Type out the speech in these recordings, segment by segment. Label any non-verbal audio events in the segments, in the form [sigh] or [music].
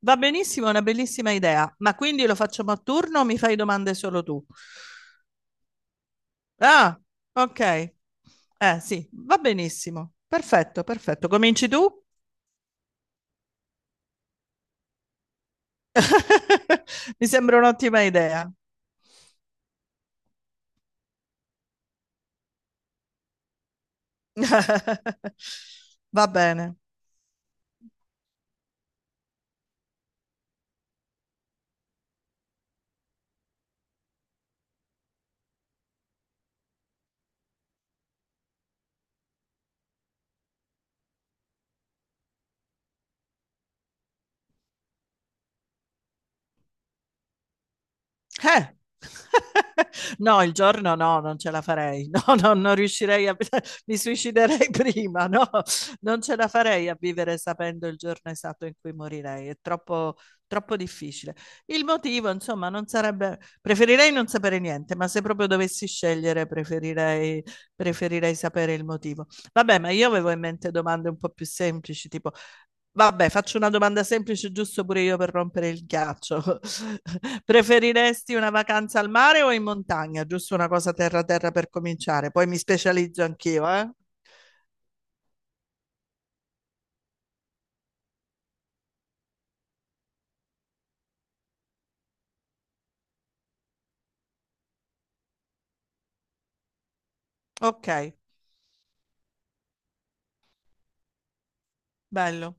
Va benissimo, è una bellissima idea. Ma quindi lo facciamo a turno o mi fai domande solo tu? Ah, ok. Eh sì, va benissimo. Perfetto, perfetto. Cominci tu? [laughs] Mi sembra un'ottima idea. [laughs] Va bene. Eh. [laughs] No, il giorno no, non ce la farei. [laughs] No, no, non riuscirei a [laughs] mi suiciderei prima, no. Non ce la farei a vivere sapendo il giorno esatto in cui morirei, è troppo troppo difficile. Il motivo, insomma, non sarebbe preferirei non sapere niente, ma se proprio dovessi scegliere preferirei sapere il motivo. Vabbè, ma io avevo in mente domande un po' più semplici, tipo. Vabbè, faccio una domanda semplice, giusto pure io per rompere il ghiaccio. Preferiresti una vacanza al mare o in montagna? Giusto una cosa terra terra per cominciare, poi mi specializzo anch'io, eh? Ok, bello.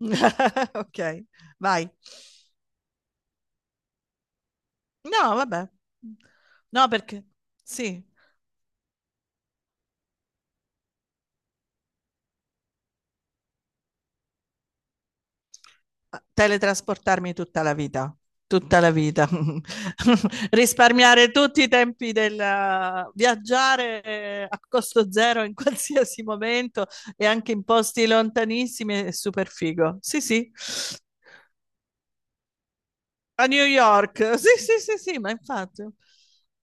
[laughs] Ok, vai. No, vabbè. No, perché sì, teletrasportarmi tutta la vita, tutta la vita. [laughs] Risparmiare tutti i tempi del viaggiare a costo zero in [laughs] qualsiasi momento e anche in posti lontanissimi è super figo. Sì, sì. A New York, sì, sì, sì, sì, ma infatti.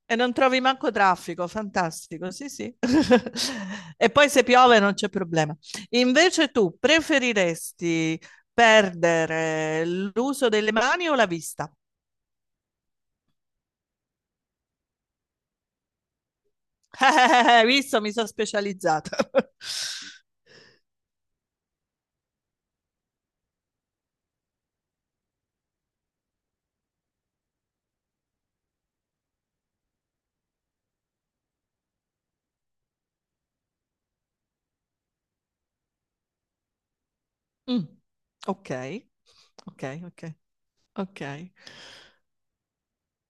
E non trovi manco traffico, fantastico, sì, sì. [laughs] E poi se piove non c'è problema. Invece tu preferiresti perdere l'uso delle mani o la vista? [laughs] Visto, mi sono specializzata. [laughs] Mm, ok, ok, ok, ok.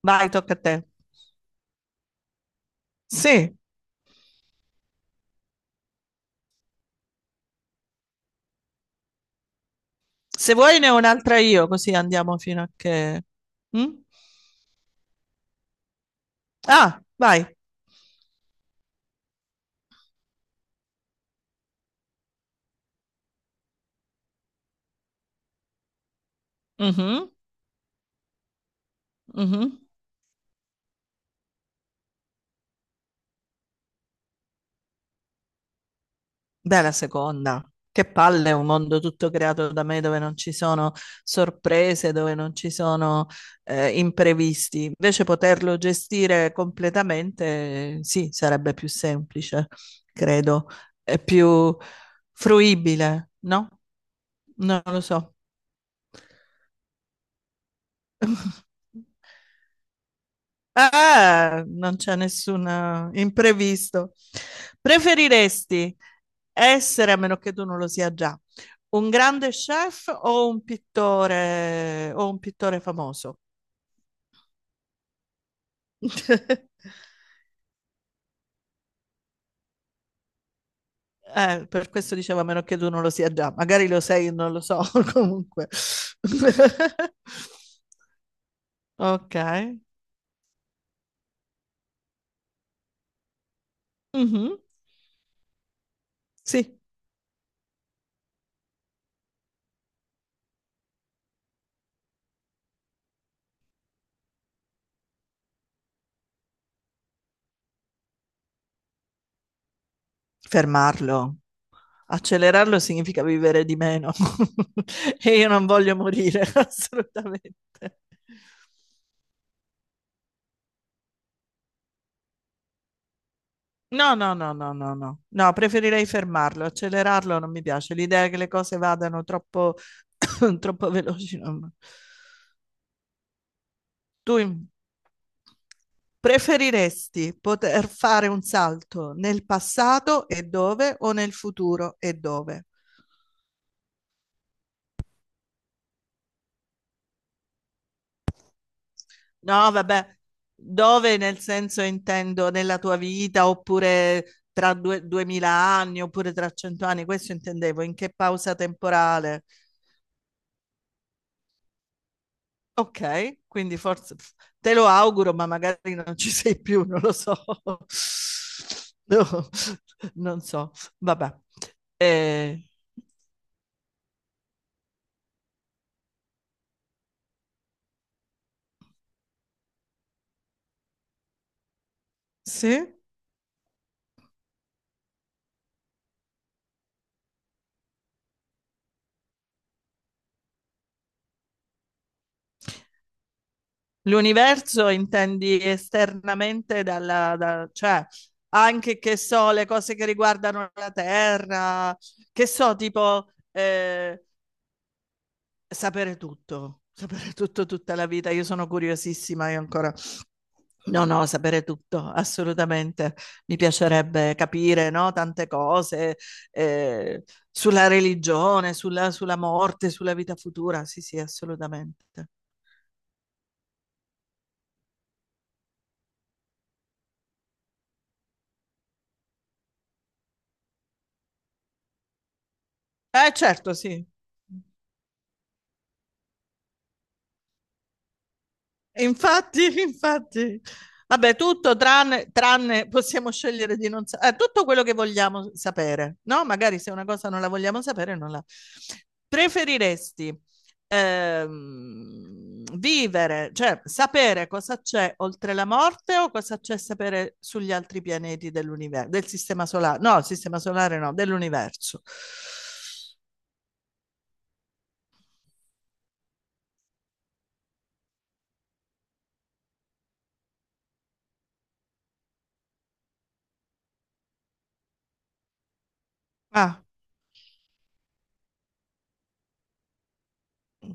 Vai, tocca a te. Sì, se vuoi ne ho un'altra io, così andiamo fino a che... Mm? Ah, vai. Mhm, mhm. Beh, la seconda. Che palle, è un mondo tutto creato da me dove non ci sono sorprese, dove non ci sono imprevisti. Invece poterlo gestire completamente, sì, sarebbe più semplice, credo, è più fruibile, no? Non lo so. [laughs] Ah, non c'è nessun imprevisto. Preferiresti essere, a meno che tu non lo sia già, un grande chef o un pittore famoso? [laughs] Per questo dicevo, a meno che tu non lo sia già, magari lo sei, non lo so, [laughs] comunque. [laughs] Ok. Mhm. Sì, fermarlo. Accelerarlo significa vivere di meno [laughs] e io non voglio morire [laughs] assolutamente. No, no, no, no, no, no, no, preferirei fermarlo, accelerarlo non mi piace, l'idea che le cose vadano troppo, [coughs] troppo veloci. Tu im- preferiresti poter fare un salto nel passato e dove o nel futuro e dove? No, vabbè, dove nel senso intendo nella tua vita oppure tra due, 2000 anni oppure tra 100 anni, questo intendevo, in che pausa temporale. Ok, quindi forse te lo auguro, ma magari non ci sei più, non lo so. [laughs] No, non so, vabbè. Eh, sì? L'universo intendi esternamente dalla, cioè anche che so, le cose che riguardano la Terra, che so, tipo sapere tutto tutta la vita. Io sono curiosissima, io ancora. No, no, sapere tutto, assolutamente. Mi piacerebbe capire, no, tante cose eh, sulla religione, sulla morte, sulla vita futura. Sì, sì, assolutamente. Certo, sì. Infatti, [laughs] infatti, vabbè, tutto tranne possiamo scegliere di non sapere, tutto quello che vogliamo sapere, no? Magari se una cosa non la vogliamo sapere, non la... Preferiresti vivere, cioè sapere cosa c'è oltre la morte o cosa c'è sapere sugli altri pianeti dell'universo, del sistema solare? No, il sistema solare no, dell'universo. Ah.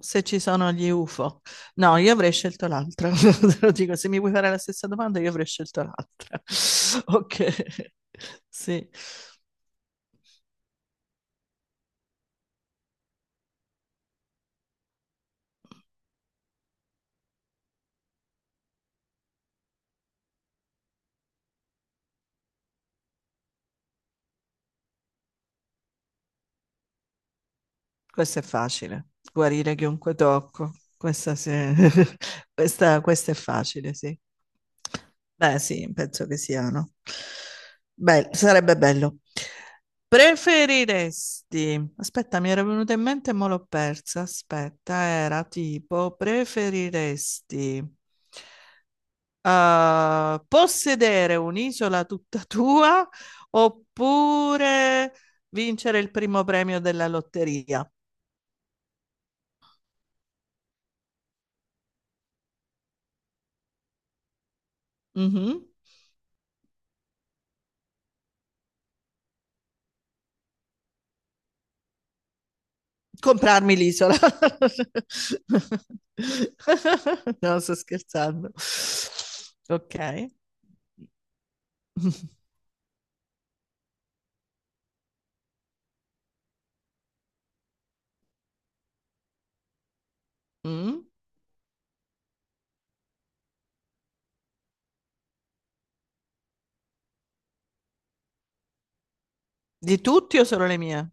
Se ci sono gli UFO. No, io avrei scelto l'altra. [laughs] Te lo dico, se mi vuoi fare la stessa domanda, io avrei scelto l'altra. [laughs] Ok, [laughs] sì. Questo è facile, guarire chiunque tocco. Questa, sì- [laughs] questa è facile, sì. Beh, sì, penso che siano. Beh, sarebbe bello. Preferiresti, aspetta, mi era venuta in mente e mo l'ho persa. Aspetta, era tipo, preferiresti possedere un'isola tutta [laughs] tua oppure vincere il primo premio della lotteria? Mh-mh. Comprarmi l'isola. [laughs] No, sto scherzando. Okay. Mh. Di tutti o solo le mie?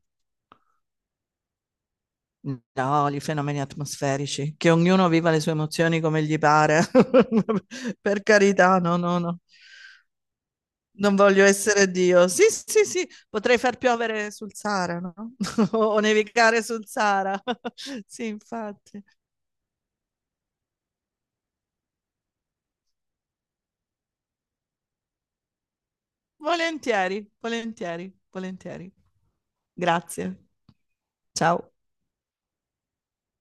No, i fenomeni atmosferici, che ognuno viva le sue emozioni come gli pare. [laughs] Per carità, no, no, no. Non voglio essere Dio. Sì, sì, sì, potrei far piovere sul Sahara, no, [laughs] o nevicare sul Sahara. [laughs] Sì, infatti. Volentieri, volentieri, volentieri. Grazie. Ciao.